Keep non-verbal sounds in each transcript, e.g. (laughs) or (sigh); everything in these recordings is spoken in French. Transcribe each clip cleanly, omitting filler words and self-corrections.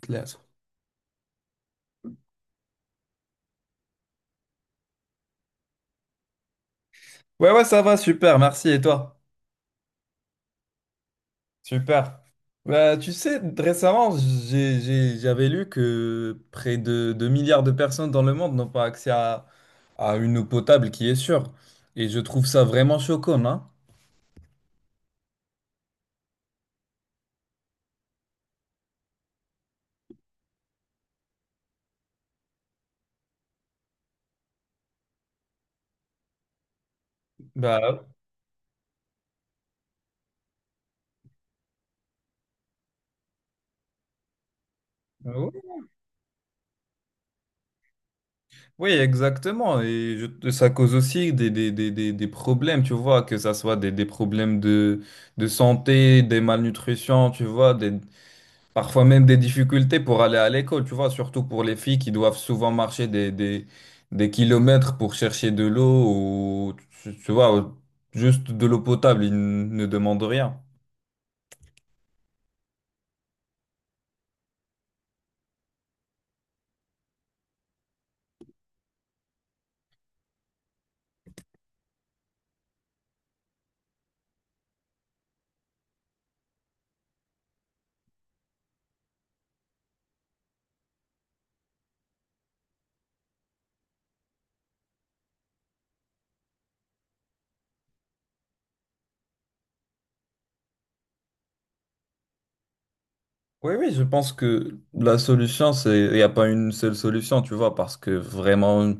Claire. Ouais, ouais, ça va, super, merci. Et toi? Super. Bah, tu sais, récemment, j'avais lu que près de 2 milliards de personnes dans le monde n'ont pas accès à une eau potable qui est sûre. Et je trouve ça vraiment choquant, hein. Bah, oui. Oui, exactement. Et ça cause aussi des problèmes, tu vois, que ça soit des problèmes de santé, des malnutritions, tu vois, des... Parfois même des difficultés pour aller à l'école, tu vois, surtout pour les filles qui doivent souvent marcher des kilomètres pour chercher de l'eau ou, tu vois, juste de l'eau potable, ne demandent rien. Oui, oui, je pense que la solution, c'est, il n'y a pas une seule solution, tu vois, parce que vraiment,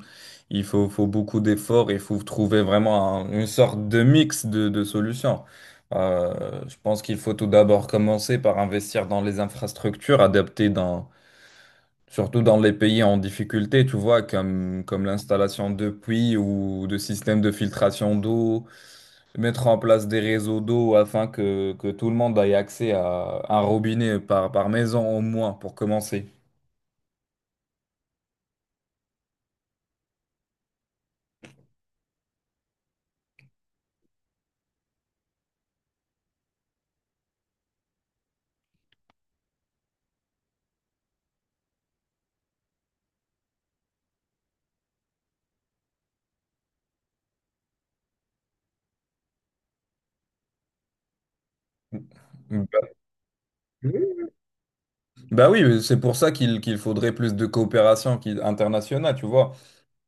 faut beaucoup d'efforts, il faut trouver vraiment une sorte de mix de solutions. Je pense qu'il faut tout d'abord commencer par investir dans les infrastructures adaptées, surtout dans les pays en difficulté, tu vois, comme l'installation de puits ou de systèmes de filtration d'eau, mettre en place des réseaux d'eau afin que tout le monde ait accès à un robinet par maison au moins pour commencer. Bah, bah oui, c'est pour ça qu'il faudrait plus de coopération internationale, tu vois,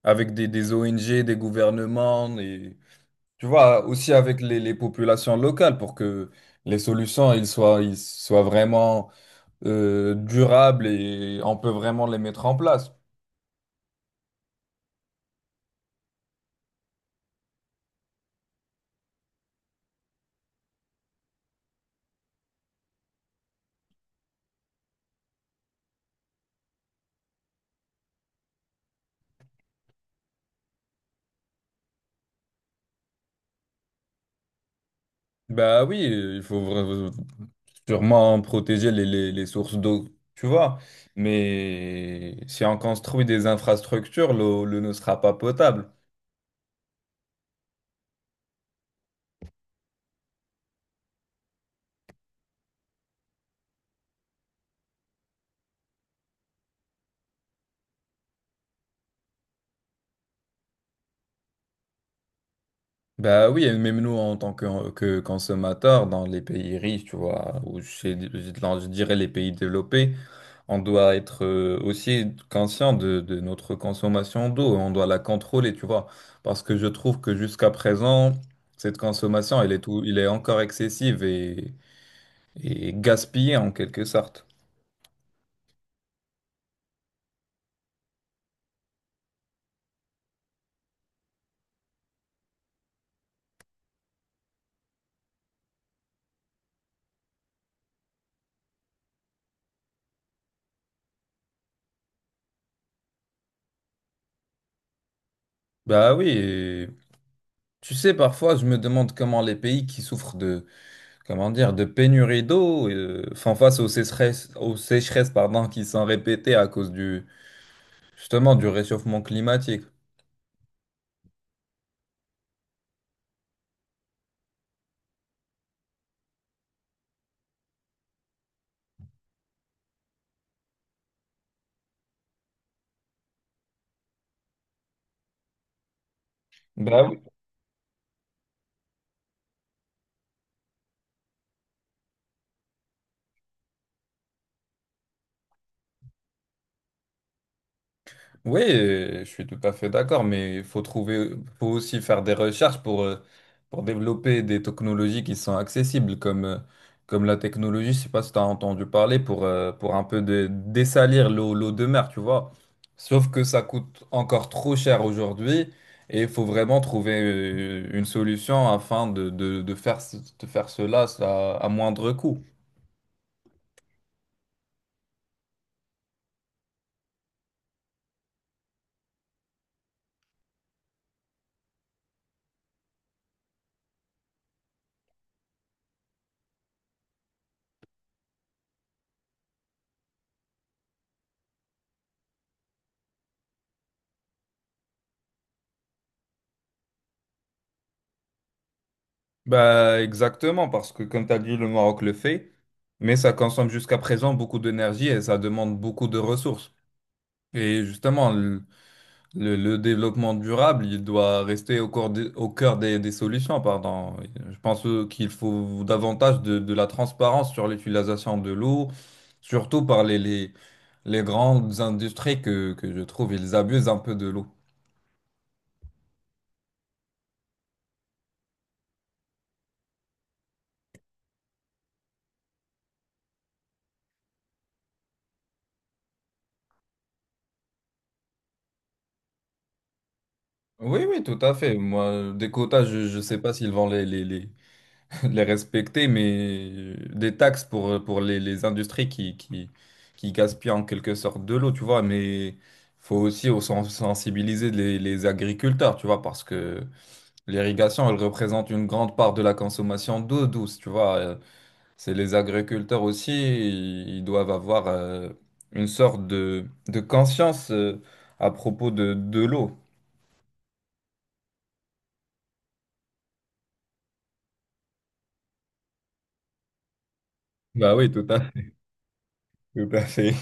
avec des ONG, des gouvernements, et tu vois, aussi avec les populations locales pour que les solutions ils soient vraiment durables et on peut vraiment les mettre en place. Bah oui, il faut sûrement protéger les sources d'eau, tu vois. Mais si on construit des infrastructures, l'eau ne sera pas potable. Bah oui, et même nous en tant que consommateurs dans les pays riches, tu vois, ou chez, dans, je dirais les pays développés, on doit être aussi conscient de notre consommation d'eau, on doit la contrôler, tu vois, parce que je trouve que jusqu'à présent, cette consommation, elle est tout, il est encore excessive et gaspillée en quelque sorte. Bah oui, et tu sais, parfois je me demande comment les pays qui souffrent de, comment dire, de pénurie d'eau, enfin, face aux sécheresses, pardon, qui sont répétées à cause du, justement, du réchauffement climatique. Bah oui, je suis tout à fait d'accord, mais il faut trouver, faut aussi faire des recherches pour développer des technologies qui sont accessibles, comme, comme la technologie, je sais pas si tu as entendu parler, pour un peu dessalir l'eau, l'eau de mer, tu vois. Sauf que ça coûte encore trop cher aujourd'hui et il faut vraiment trouver une solution afin de faire, de faire cela à moindre coût. Bah, exactement, parce que comme tu as dit, le Maroc le fait, mais ça consomme jusqu'à présent beaucoup d'énergie et ça demande beaucoup de ressources. Et justement, le, le développement durable, il doit rester au cœur au cœur des solutions, pardon. Je pense qu'il faut davantage de la transparence sur l'utilisation de l'eau, surtout par les grandes industries que je trouve, ils abusent un peu de l'eau. Oui, oui, tout à fait. Moi, des quotas, je ne sais pas s'ils vont de les respecter, mais des taxes pour les industries qui gaspillent en quelque sorte de l'eau, tu vois, mais faut aussi au sensibiliser les agriculteurs, tu vois, parce que l'irrigation, elle représente une grande part de la consommation d'eau douce, tu vois. C'est les agriculteurs aussi, ils doivent avoir une sorte de conscience à propos de l'eau. Bah oui, tout à, (laughs) tout à fait.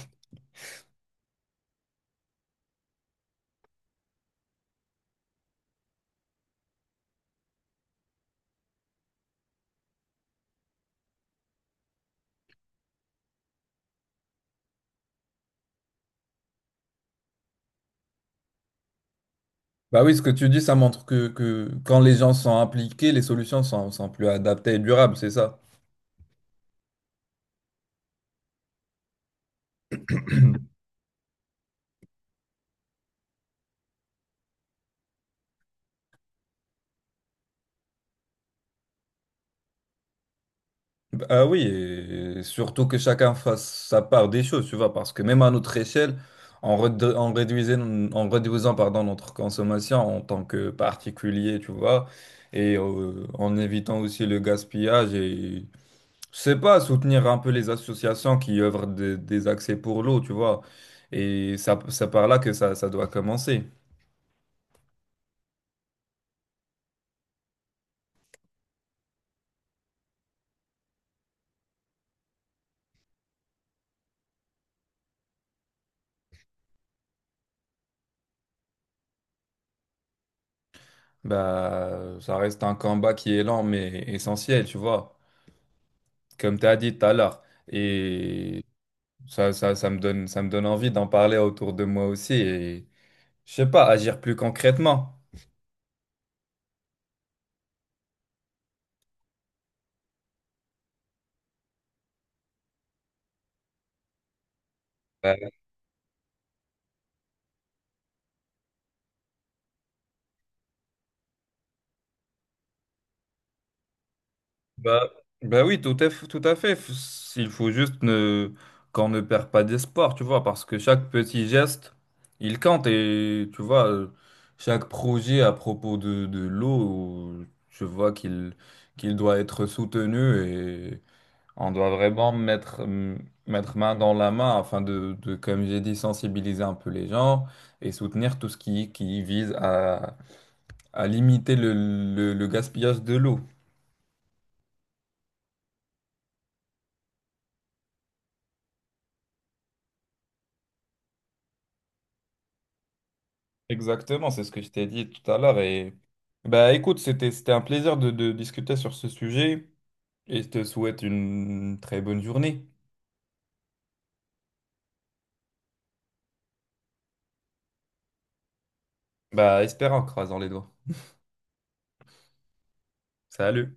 Bah oui, ce que tu dis, ça montre que quand les gens sont impliqués, les solutions sont, sont plus adaptées et durables, c'est ça? Bah oui, et surtout que chacun fasse sa part des choses, tu vois, parce que même à notre échelle, en, en réduisant pardon, notre consommation en tant que particulier, tu vois, et en évitant aussi le gaspillage et, je sais pas, soutenir un peu les associations qui œuvrent des accès pour l'eau, tu vois, et ça, c'est par là que ça doit commencer. Bah, ça reste un combat qui est lent, mais essentiel, tu vois, comme tu as dit tout à l'heure. Et ça, ça me donne envie d'en parler autour de moi aussi et, je sais pas, agir plus concrètement. Bah, bah, Bah oui, tout est, tout à fait. Il faut juste ne, qu'on ne perd pas d'espoir, tu vois, parce que chaque petit geste, il compte. Et tu vois, chaque projet à propos de l'eau, je vois qu'il doit être soutenu. On doit vraiment mettre, mettre main dans la main afin comme j'ai dit, sensibiliser un peu les gens et soutenir tout ce qui vise à limiter le, le gaspillage de l'eau. Exactement, c'est ce que je t'ai dit tout à l'heure. Et bah écoute, c'était, c'était un plaisir de discuter sur ce sujet et je te souhaite une très bonne journée. Bah espérant, en croisant les doigts. Salut!